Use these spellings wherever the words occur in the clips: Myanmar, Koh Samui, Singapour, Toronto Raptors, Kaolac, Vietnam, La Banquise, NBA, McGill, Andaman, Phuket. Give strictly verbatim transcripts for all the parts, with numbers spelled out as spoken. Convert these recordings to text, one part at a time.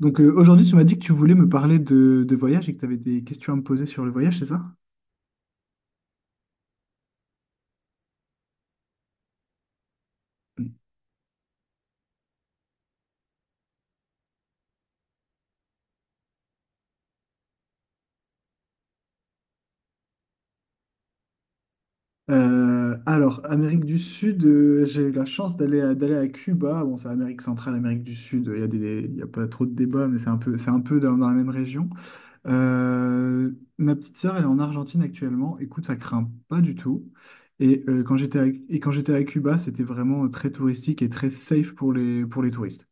Donc euh, aujourd'hui, tu m'as dit que tu voulais me parler de, de voyage et que tu avais des questions à me poser sur le voyage, c'est ça? Mm. Euh, alors, Amérique du Sud, euh, j'ai eu la chance d'aller à, d'aller à Cuba. Bon, c'est Amérique centrale, Amérique du Sud, il y a des, il y a pas trop de débats, mais c'est un peu, c'est un peu dans, dans la même région. Euh, Ma petite sœur, elle est en Argentine actuellement. Écoute, ça craint pas du tout. Et euh, quand j'étais à, et quand j'étais à Cuba, c'était vraiment euh, très touristique et très safe pour les, pour les touristes.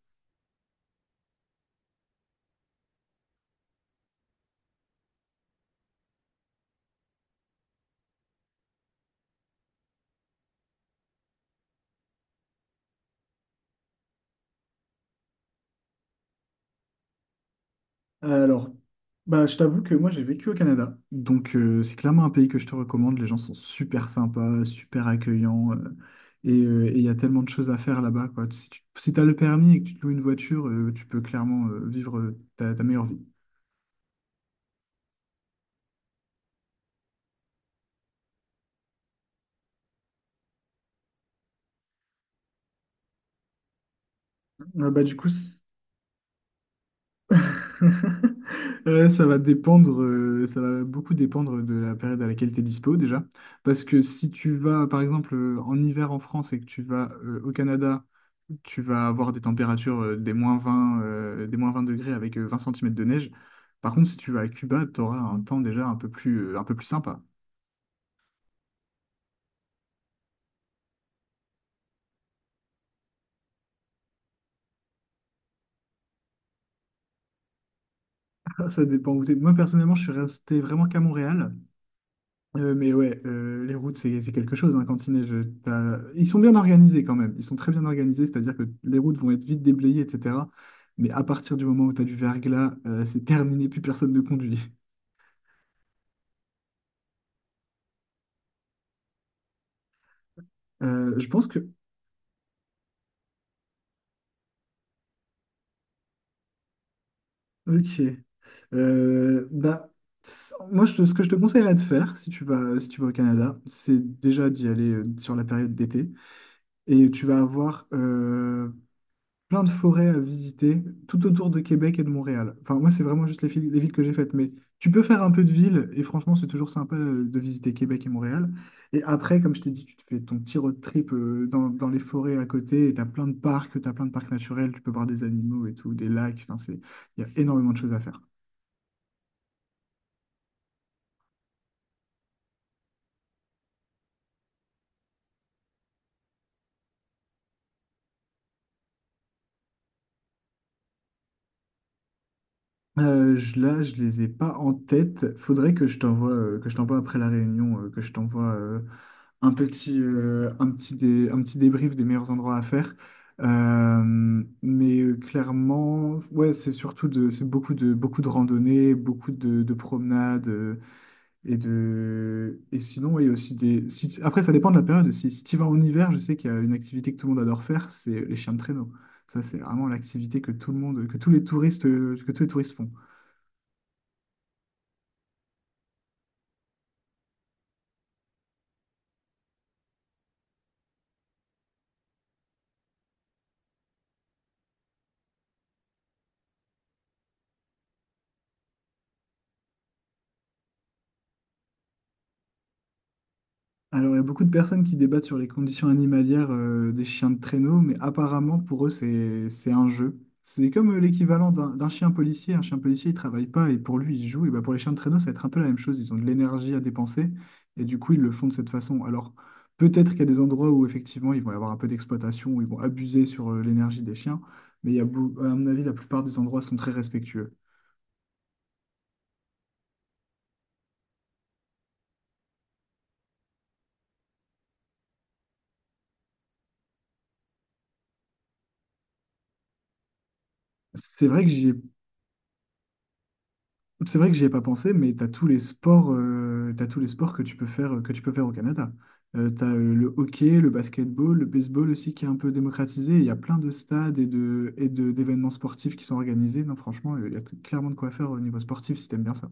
Alors, bah, je t'avoue que moi j'ai vécu au Canada, donc euh, c'est clairement un pays que je te recommande. Les gens sont super sympas, super accueillants, euh, et euh, et il y a tellement de choses à faire là-bas, quoi. Si tu si t'as le permis et que tu te loues une voiture, euh, tu peux clairement euh, vivre euh, ta, ta meilleure vie. Euh, bah, du coup, c- Euh, ça va dépendre, euh, ça va beaucoup dépendre de la période à laquelle tu es dispo déjà. Parce que si tu vas, par exemple, euh, en hiver en France et que tu vas euh, au Canada, tu vas avoir des températures euh, des moins vingt, euh, des moins vingt degrés avec euh, vingt centimètres de neige. Par contre, si tu vas à Cuba, tu auras un temps déjà un peu plus, euh, un peu plus sympa. Ça dépend où t'es. Moi, personnellement, je suis resté vraiment qu'à Montréal. Euh, mais ouais, euh, les routes, c'est c'est quelque chose, hein, Cantinet. Je- t'as- Ils sont bien organisés quand même. Ils sont très bien organisés, c'est-à-dire que les routes vont être vite déblayées, et cetera. Mais à partir du moment où tu as du verglas, euh, c'est terminé, plus personne ne conduit. Euh, je pense que. Ok. Euh, bah, c- Moi, je te- ce que je te conseillerais de faire, si tu vas, si tu vas au Canada, c'est déjà d'y aller euh, sur la période d'été. Et tu vas avoir euh, plein de forêts à visiter tout autour de Québec et de Montréal. Enfin, moi, c'est vraiment juste les, fil- les villes que j'ai faites, mais tu peux faire un peu de ville et franchement, c'est toujours sympa euh, de visiter Québec et Montréal. Et après, comme je t'ai dit, tu te fais ton petit road trip euh, dans, dans les forêts à côté et tu as plein de parcs, tu as plein de parcs naturels, tu peux voir des animaux et tout, des lacs. Enfin, c'est, il y a énormément de choses à faire. Euh, je, là, je les ai pas en tête. Faudrait que je t'envoie, euh, que je t'envoie après la réunion, euh, que je t'envoie euh, un petit, euh, un petit dé- un petit débrief des meilleurs endroits à faire. Euh, mais euh, clairement, ouais, c'est surtout de, c'est beaucoup de, beaucoup de randonnées, beaucoup de, de promenades euh, et de, et sinon, ouais, il y a aussi des. Si tu- Après, ça dépend de la période. Si, si tu vas en hiver, je sais qu'il y a une activité que tout le monde adore faire, c'est les chiens de traîneau. Ça, c'est vraiment l'activité que tout le monde, que tous les touristes, que tous les touristes font. Alors, il y a beaucoup de personnes qui débattent sur les conditions animalières euh, des chiens de traîneau, mais apparemment, pour eux, c'est, c'est un jeu. C'est comme euh, l'équivalent d'un d'un chien policier. Un chien policier, il travaille pas et pour lui, il joue. Et bah, pour les chiens de traîneau, ça va être un peu la même chose. Ils ont de l'énergie à dépenser et du coup, ils le font de cette façon. Alors, peut-être qu'il y a des endroits où, effectivement, ils vont y avoir un peu d'exploitation, où ils vont abuser sur euh, l'énergie des chiens, mais il y a, beau- à mon avis, la plupart des endroits sont très respectueux. C'est vrai que j'y ai C'est vrai que j'y ai pas pensé, mais t'as tous les sports, euh, t'as tous les sports que tu peux faire, que tu peux faire au Canada. Euh, tu as le hockey, le basketball, le baseball aussi qui est un peu démocratisé. Il y a plein de stades et de, et de- d'événements sportifs qui sont organisés. Non, franchement, euh, il y a t- clairement de quoi faire au niveau sportif si t'aimes bien ça.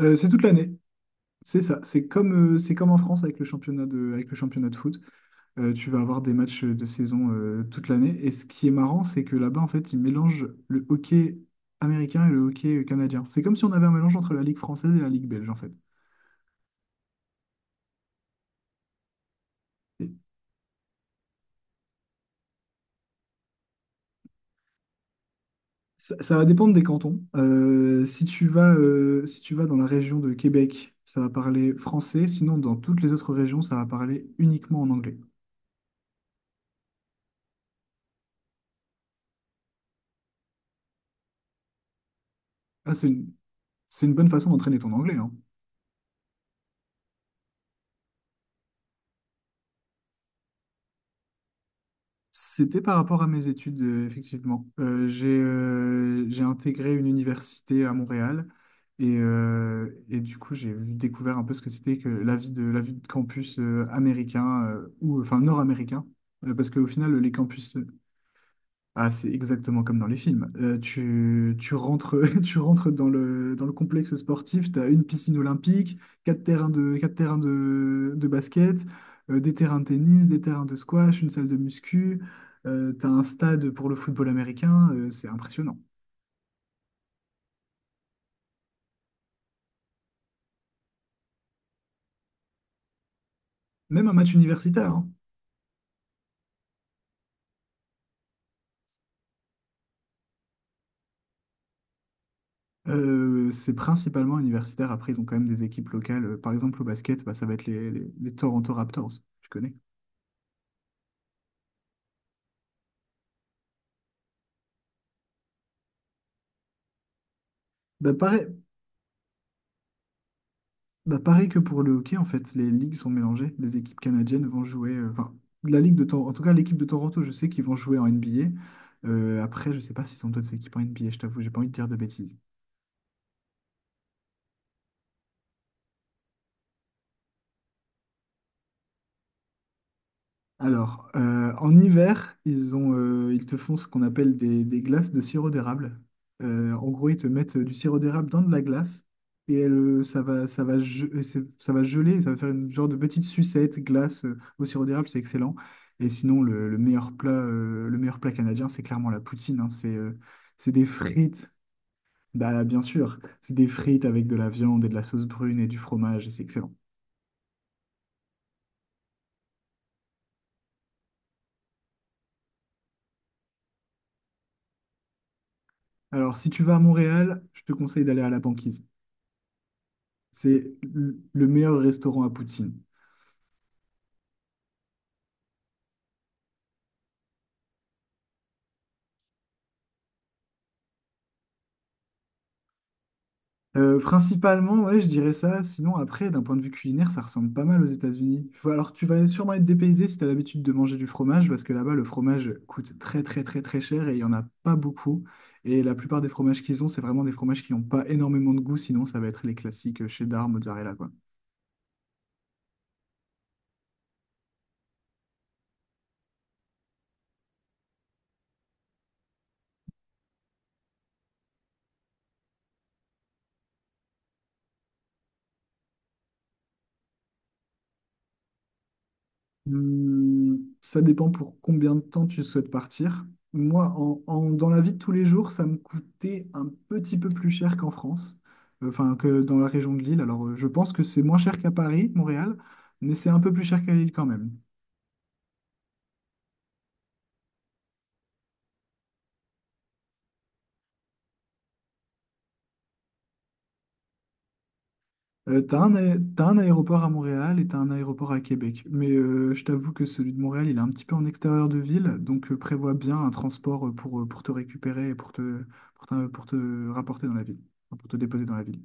Euh, c'est toute l'année. C'est ça. C'est comme, euh, c'est comme en France avec le championnat de, avec le championnat de foot. Euh, tu vas avoir des matchs de saison euh, toute l'année. Et ce qui est marrant, c'est que là-bas, en fait, ils mélangent le hockey américain et le hockey euh, canadien. C'est comme si on avait un mélange entre la Ligue française et la Ligue belge, en fait. Et Ça, ça va dépendre des cantons. Euh, si tu vas, euh, si tu vas dans la région de Québec, ça va parler français. Sinon, dans toutes les autres régions, ça va parler uniquement en anglais. Ah, c'est une, c'est une bonne façon d'entraîner ton anglais, hein. C'était par rapport à mes études, euh, effectivement. Euh, j'ai euh, j'ai intégré une université à Montréal et, euh, et du coup, j'ai vu- découvert un peu ce que c'était que la vie de, la vie de campus euh, américain euh, ou enfin nord-américain. Euh, parce qu'au final, les campus ah, c'est exactement comme dans les films. Euh, tu, tu rentres, tu rentres dans le, dans le complexe sportif, tu as une piscine olympique, quatre terrains de, quatre terrains de, de basket, euh, des terrains de tennis, des terrains de squash, une salle de muscu, euh, tu as un stade pour le football américain, euh, c'est impressionnant. Même un match universitaire, hein. Euh, c'est principalement universitaire. Après, ils ont quand même des équipes locales. Par exemple, au basket, bah, ça va être les, les, les Toronto Raptors, tu connais. Bah, pareil, Bah, pareil que pour le hockey, en fait, les ligues sont mélangées. Les équipes canadiennes vont jouer, euh, enfin, la ligue de Toronto, en tout cas, l'équipe de Toronto, je sais qu'ils vont jouer en N B A. Euh, après, je sais pas s'ils ont d'autres équipes en N B A, je t'avoue, j'ai pas envie de dire de bêtises. Alors, euh, en hiver, ils ont, euh, ils te font ce qu'on appelle des, des glaces de sirop d'érable. Euh, en gros, ils te mettent du sirop d'érable dans de la glace et elle, euh, ça va, ça va, ge- euh, c'est- ça va geler, et ça va faire une genre de petite sucette glace euh, au sirop d'érable, c'est excellent. Et sinon, le, le meilleur plat, euh, le meilleur plat canadien, c'est clairement la poutine. Hein. C'est euh, c'est des frites, bah, bien sûr, c'est des frites avec de la viande et de la sauce brune et du fromage, et c'est excellent. Alors, si tu vas à Montréal, je te conseille d'aller à la banquise. C'est le le meilleur restaurant à poutine. Euh, principalement, ouais, je dirais ça. Sinon, après, d'un point de vue culinaire, ça ressemble pas mal aux États-Unis. Faut- Alors, tu vas sûrement être dépaysé si tu as l'habitude de manger du fromage, parce que là-bas, le fromage coûte très, très, très, très cher et il n'y en a pas beaucoup. Et la plupart des fromages qu'ils ont, c'est vraiment des fromages qui n'ont pas énormément de goût, sinon, ça va être les classiques euh, cheddar, mozzarella, quoi. Hum, ça dépend pour combien de temps tu souhaites partir. Moi, en, en- dans la vie de tous les jours, ça me coûtait un petit peu plus cher qu'en France, Euh, enfin que dans la région de Lille. Alors, euh, je pense que c'est moins cher qu'à Paris, Montréal, mais c'est un peu plus cher qu'à Lille quand même. Euh, t'as un, aé- t'as un aéroport à Montréal et t'as un aéroport à Québec. Mais euh, je t'avoue que celui de Montréal, il est un petit peu en extérieur de ville, donc euh, prévois bien un transport euh, pour, euh, pour te récupérer et pour te, pour te, pour te rapporter dans la ville, enfin, pour te déposer dans la ville.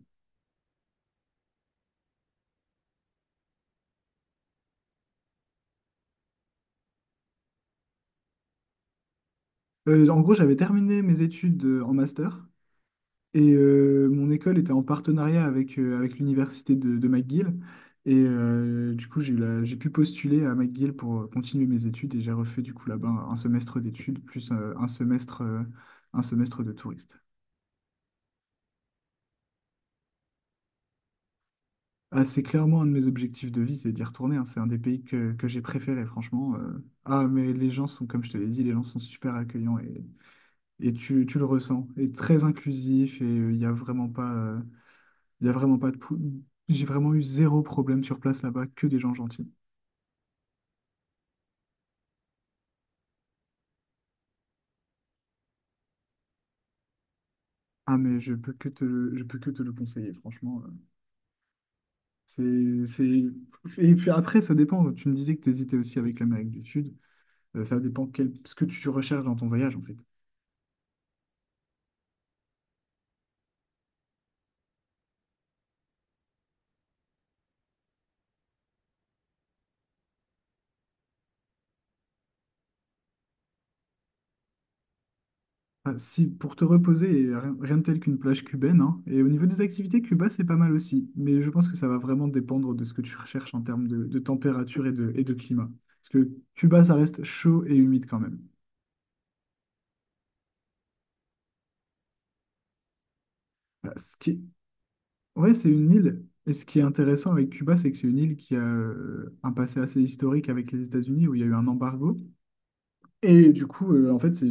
Euh, en gros, j'avais terminé mes études euh, en master et euh, mon école était en partenariat avec, euh, avec l'université de, de McGill. Et euh, du coup, j'ai eu la- j'ai pu postuler à McGill pour euh, continuer mes études et j'ai refait du coup là-bas un semestre d'études plus euh, un semestre, euh, un semestre de touriste. Ah, c'est clairement un de mes objectifs de vie, c'est d'y retourner. Hein. C'est un des pays que, que j'ai préféré, franchement. euh. Ah, mais les gens sont, comme je te l'ai dit, les gens sont super accueillants et, et tu, tu le ressens. Et très inclusif et euh, il n'y a vraiment pas. euh, Il n'y a vraiment pas de... pou- J'ai vraiment eu zéro problème sur place là-bas, que des gens gentils. Ah mais je peux que te le, je peux que te le conseiller, franchement. euh, C'est, c'est... Et puis après, ça dépend. Tu me disais que tu hésitais aussi avec l'Amérique du Sud. Euh, ça dépend quel... ce que tu recherches dans ton voyage, en fait. Ah, si, pour te reposer, et rien, rien de tel qu'une plage cubaine, hein. Et au niveau des activités, Cuba, c'est pas mal aussi. Mais je pense que ça va vraiment dépendre de ce que tu recherches en termes de, de température et de, et de climat. Parce que Cuba, ça reste chaud et humide quand même. Ah, Ce qui est Ouais, c'est une île. Et ce qui est intéressant avec Cuba, c'est que c'est une île qui a euh, un passé assez historique avec les États-Unis où il y a eu un embargo. Et du coup, euh, en fait, c'est-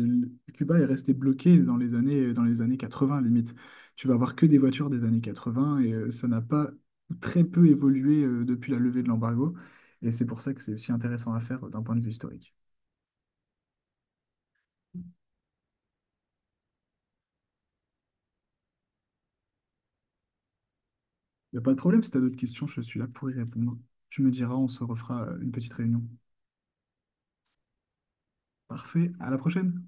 Cuba est resté bloqué dans les années, dans les années quatre-vingts, limite. Tu vas avoir que des voitures des années quatre-vingts et euh, ça n'a pas ou très peu évolué euh, depuis la levée de l'embargo. Et c'est pour ça que c'est aussi intéressant à faire euh, d'un point de vue historique. Il n'y a pas de problème, si tu as d'autres questions, je suis là pour y répondre. Tu me diras, on se refera euh, une petite réunion. Parfait, à la prochaine!